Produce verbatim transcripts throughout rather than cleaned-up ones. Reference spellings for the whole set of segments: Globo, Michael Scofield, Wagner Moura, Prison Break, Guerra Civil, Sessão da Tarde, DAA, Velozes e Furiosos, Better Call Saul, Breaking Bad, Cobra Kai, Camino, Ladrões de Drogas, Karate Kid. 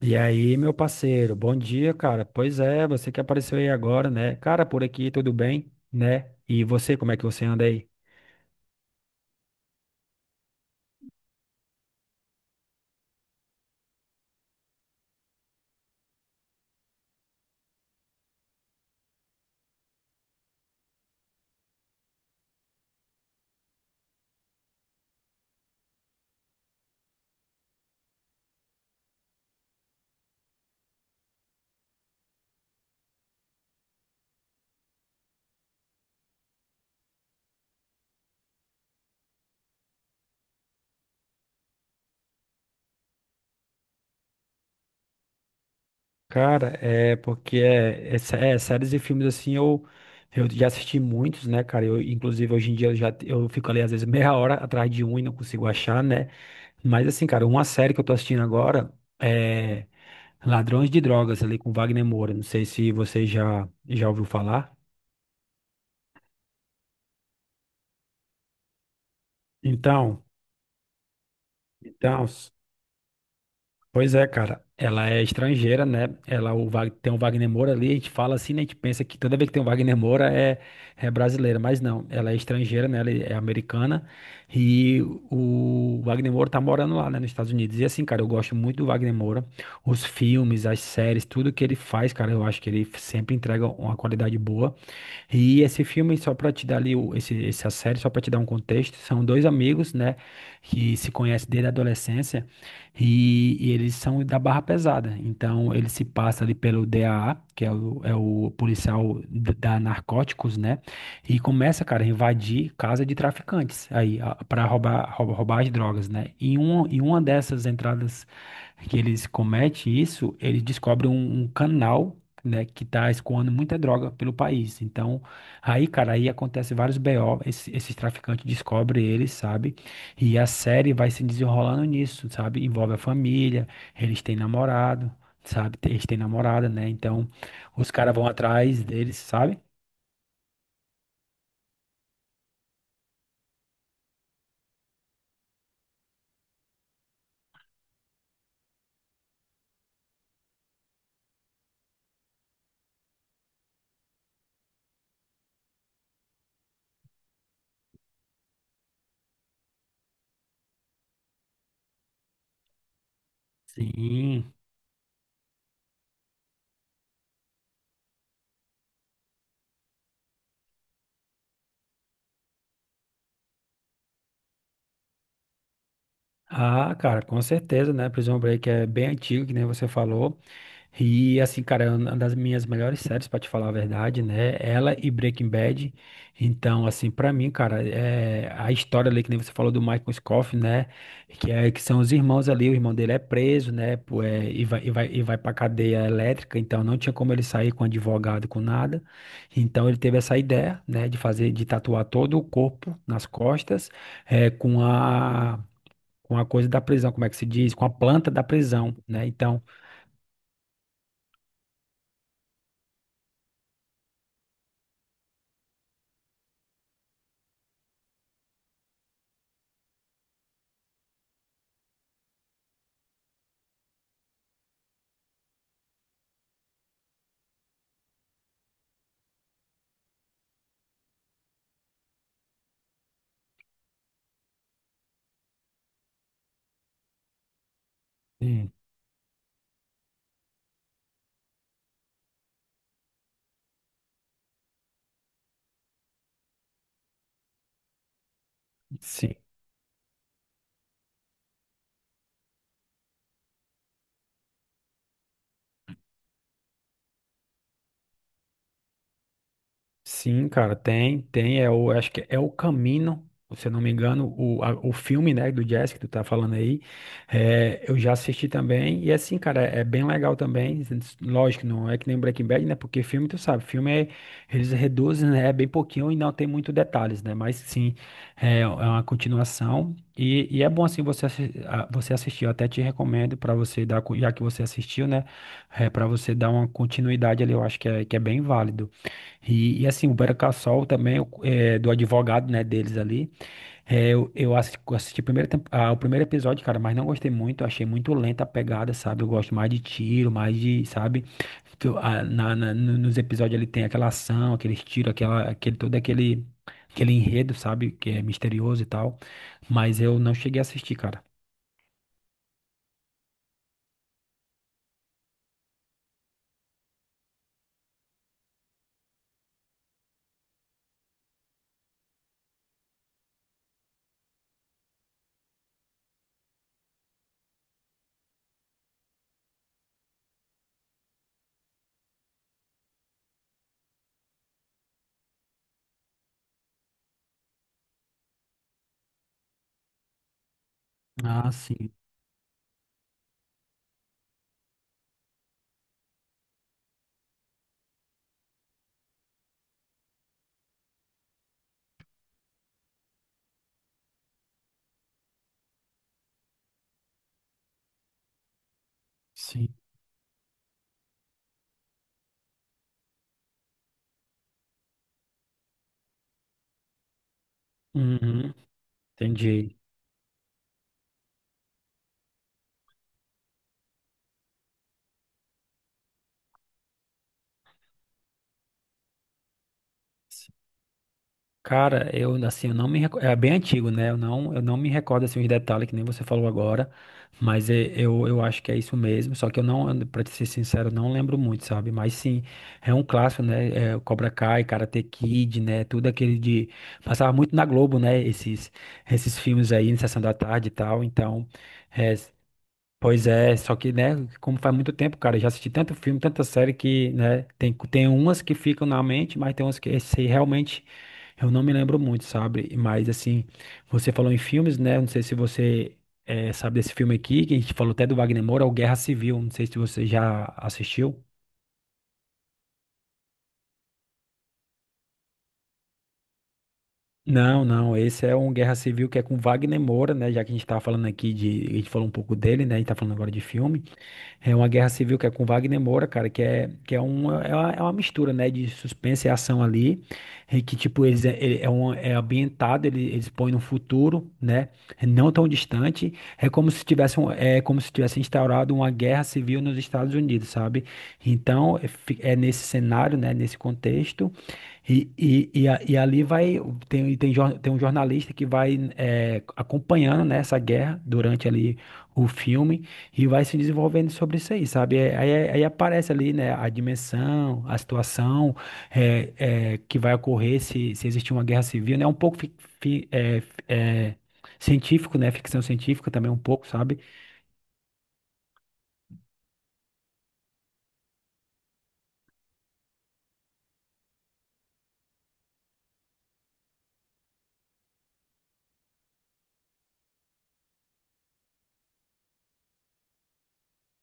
E aí, meu parceiro, bom dia, cara. Pois é, você que apareceu aí agora, né? Cara, por aqui tudo bem, né? E você, como é que você anda aí? Cara, é porque é, é sé- é, séries e filmes assim, eu, eu já assisti muitos, né, cara? Eu, inclusive, hoje em dia eu já eu fico ali às vezes meia hora atrás de um e não consigo achar, né? Mas assim, cara, uma série que eu tô assistindo agora é Ladrões de Drogas, ali com Wagner Moura. Não sei se você já, já ouviu falar. Então, então. Pois é, cara. Ela é estrangeira, né? Ela o Wag- tem um Wagner Moura ali. A gente fala assim, né? A gente pensa que toda vez que tem um Wagner Moura é, é brasileira, mas não. Ela é estrangeira, né? Ela é americana. E o Wagner Moura tá morando lá, né? Nos Estados Unidos. E assim, cara, eu gosto muito do Wagner Moura. Os filmes, as séries, tudo que ele faz, cara, eu acho que ele sempre entrega uma qualidade boa. E esse filme, só para te dar ali, o- esse, essa série, só para te dar um contexto, são dois amigos, né, que se conhecem desde a adolescência e, e eles são da barra pesada. Então, ele se passa ali pelo D A A, que é o, é o policial d- da Narcóticos, né, e começa, cara, a invadir casa de traficantes aí para roubar, roubar, roubar as drogas, né. E um, em uma dessas entradas que eles cometem isso, eles descobrem um, um canal, né, que tá escoando muita droga pelo país. Então, aí, cara, aí acontece vários B O, esse- esses traficantes descobrem eles, sabe? E a série vai se desenrolando nisso, sabe? Envolve a família, eles têm namorado, sabe? Eles têm namorada, né? Então, os caras vão atrás deles, sabe? Sim. Ah, cara, com certeza, né? Prison Break é bem antigo, que nem você falou. E assim, cara, é uma das minhas melhores séries, pra te falar a verdade, né? Ela e Breaking Bad. Então, assim, pra mim, cara, é a história ali que nem você falou do Michael Scofield, né? Que é que são os irmãos ali, o irmão dele é preso, né? Pô, é, e vai e vai e vai para cadeia elétrica, então não tinha como ele sair com advogado, com nada. Então ele teve essa ideia, né, de fazer de tatuar todo o corpo nas costas, é, com a com a coisa da prisão, como é que se diz? Com a planta da prisão, né? Então, sim. Sim. Sim, cara, tem, tem, é o, acho que é o Camino, se eu não me engano, o, a- o filme, né, do Jazz que tu tá falando aí, é, eu já assisti também, e assim, cara, é, é bem legal também, lógico, não é que nem Breaking Bad, né, porque filme, tu sabe, filme é, eles reduzem, né, é bem pouquinho e não tem muito detalhes, né, mas sim, é, é uma continuação, e, e é bom, assim, você, assi- a- você assistir, eu até te recomendo pra você dar, co- já que você assistiu, né, é, para você dar uma continuidade ali, eu acho que é, que é bem válido. E, e, assim, o Better Call Saul também, é o- é, do advogado, né, deles ali, é, eu, eu assi- assisti, primeiro tempo- ah, o primeiro episódio, cara, mas não gostei muito, achei muito lenta a pegada, sabe? Eu gosto mais de tiro, mais de, sabe? Que eu- ah, na, na- no- nos episódios ele tem aquela ação, aqueles tiros, aquela, aquele, todo aquele, aquele enredo, sabe? Que é misterioso e tal, mas eu não cheguei a assistir, cara. Ah, sim, sim. Uhum, entendi. Cara, eu assim, eu não me recordo, é bem antigo, né? Eu não, eu não me recordo assim os detalhes que nem você falou agora, mas é- eu, eu acho que é isso mesmo, só que eu não, pra te ser sincero, eu não lembro muito, sabe? Mas sim, é um clássico, né? É, Cobra Kai, Karate Kid, né? Tudo aquele de passava muito na Globo, né? Esses esses filmes aí, na Sessão da Tarde e tal. Então, é, pois é, só que, né, como faz muito tempo, cara, eu já assisti tanto filme, tanta série que, né, tem, tem umas que ficam na mente, mas tem umas que esse, realmente eu não me lembro muito, sabe? Mas, assim, você falou em filmes, né, não sei se você eh, sabe desse filme aqui, que a gente falou até do Wagner Moura, é o Guerra Civil, não sei se você já assistiu. Não, não, esse é um Guerra Civil que é com Wagner Moura, né, já que a gente tá falando aqui de, a gente falou um pouco dele, né, a gente tá falando agora de filme. É uma guerra civil que é com Wagner Moura, cara, que é, que é, uma, é uma, é uma mistura, né, de suspense e ação ali, e que, tipo, eles é, ele- é, um, é ambientado, ele, eles põem no futuro, né, não tão distante, é como se tivesse, um- é como se tivesse instaurado uma guerra civil nos Estados Unidos, sabe? Então, é, fi- é nesse cenário, né, nesse contexto, e, e, e, a- e ali vai, tem, tem, jor- tem um jornalista que vai é, acompanhando, né, essa guerra durante ali o filme, e vai se desenvolvendo sobre isso aí, sabe? É, Aí, aí aparece ali, né, a dimensão, a situação é, é, que vai ocorrer se, se existir uma guerra civil, né? É um pouco fi- fi- é, fi- é, científico, né? Ficção científica também um pouco, sabe?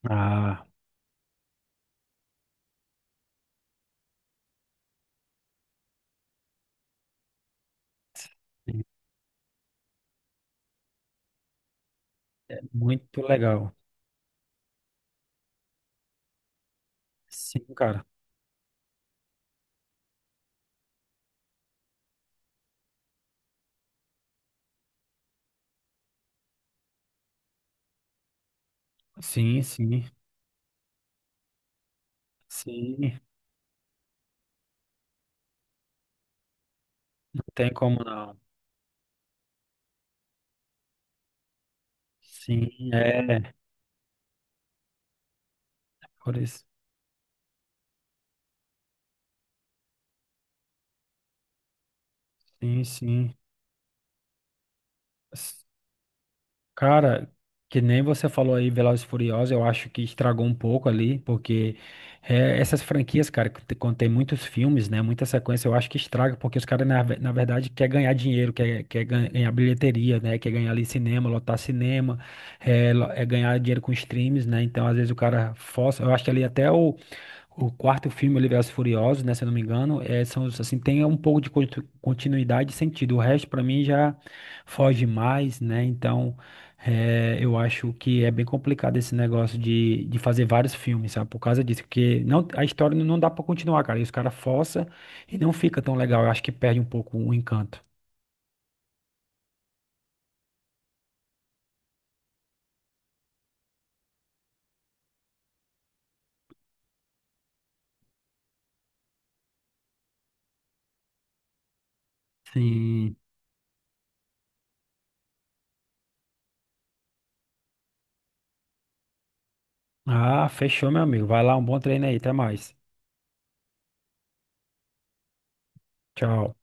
Ah, é muito legal. Sim, cara. Sim, sim, sim. Não tem como não. Sim, é. Por isso. Sim, sim. Cara, que nem você falou aí, Velozes e Furiosos, eu acho que estragou um pouco ali, porque é, essas franquias, cara, que te- quando tem muitos filmes, né, muita sequência, eu acho que estraga, porque os caras, na, ve- na verdade, quer ganhar dinheiro, quer, quer gan- ganhar bilheteria, né, quer ganhar ali cinema, lotar cinema, é, lo- é ganhar dinheiro com streams, né, então às vezes o cara força, eu acho que ali até o, o quarto filme, Velozes e Furiosos, né, se eu não me engano, é, são, os, assim, tem um pouco de conti- continuidade e sentido. O resto, para mim, já foge mais, né? Então, é, eu acho que é bem complicado esse negócio de, de fazer vários filmes, sabe? Por causa disso, porque não, a história não dá para continuar, cara. E os caras forçam e não fica tão legal. Eu acho que perde um pouco o encanto. Sim. Ah, fechou, meu amigo. Vai lá, um bom treino aí. Até mais. Tchau.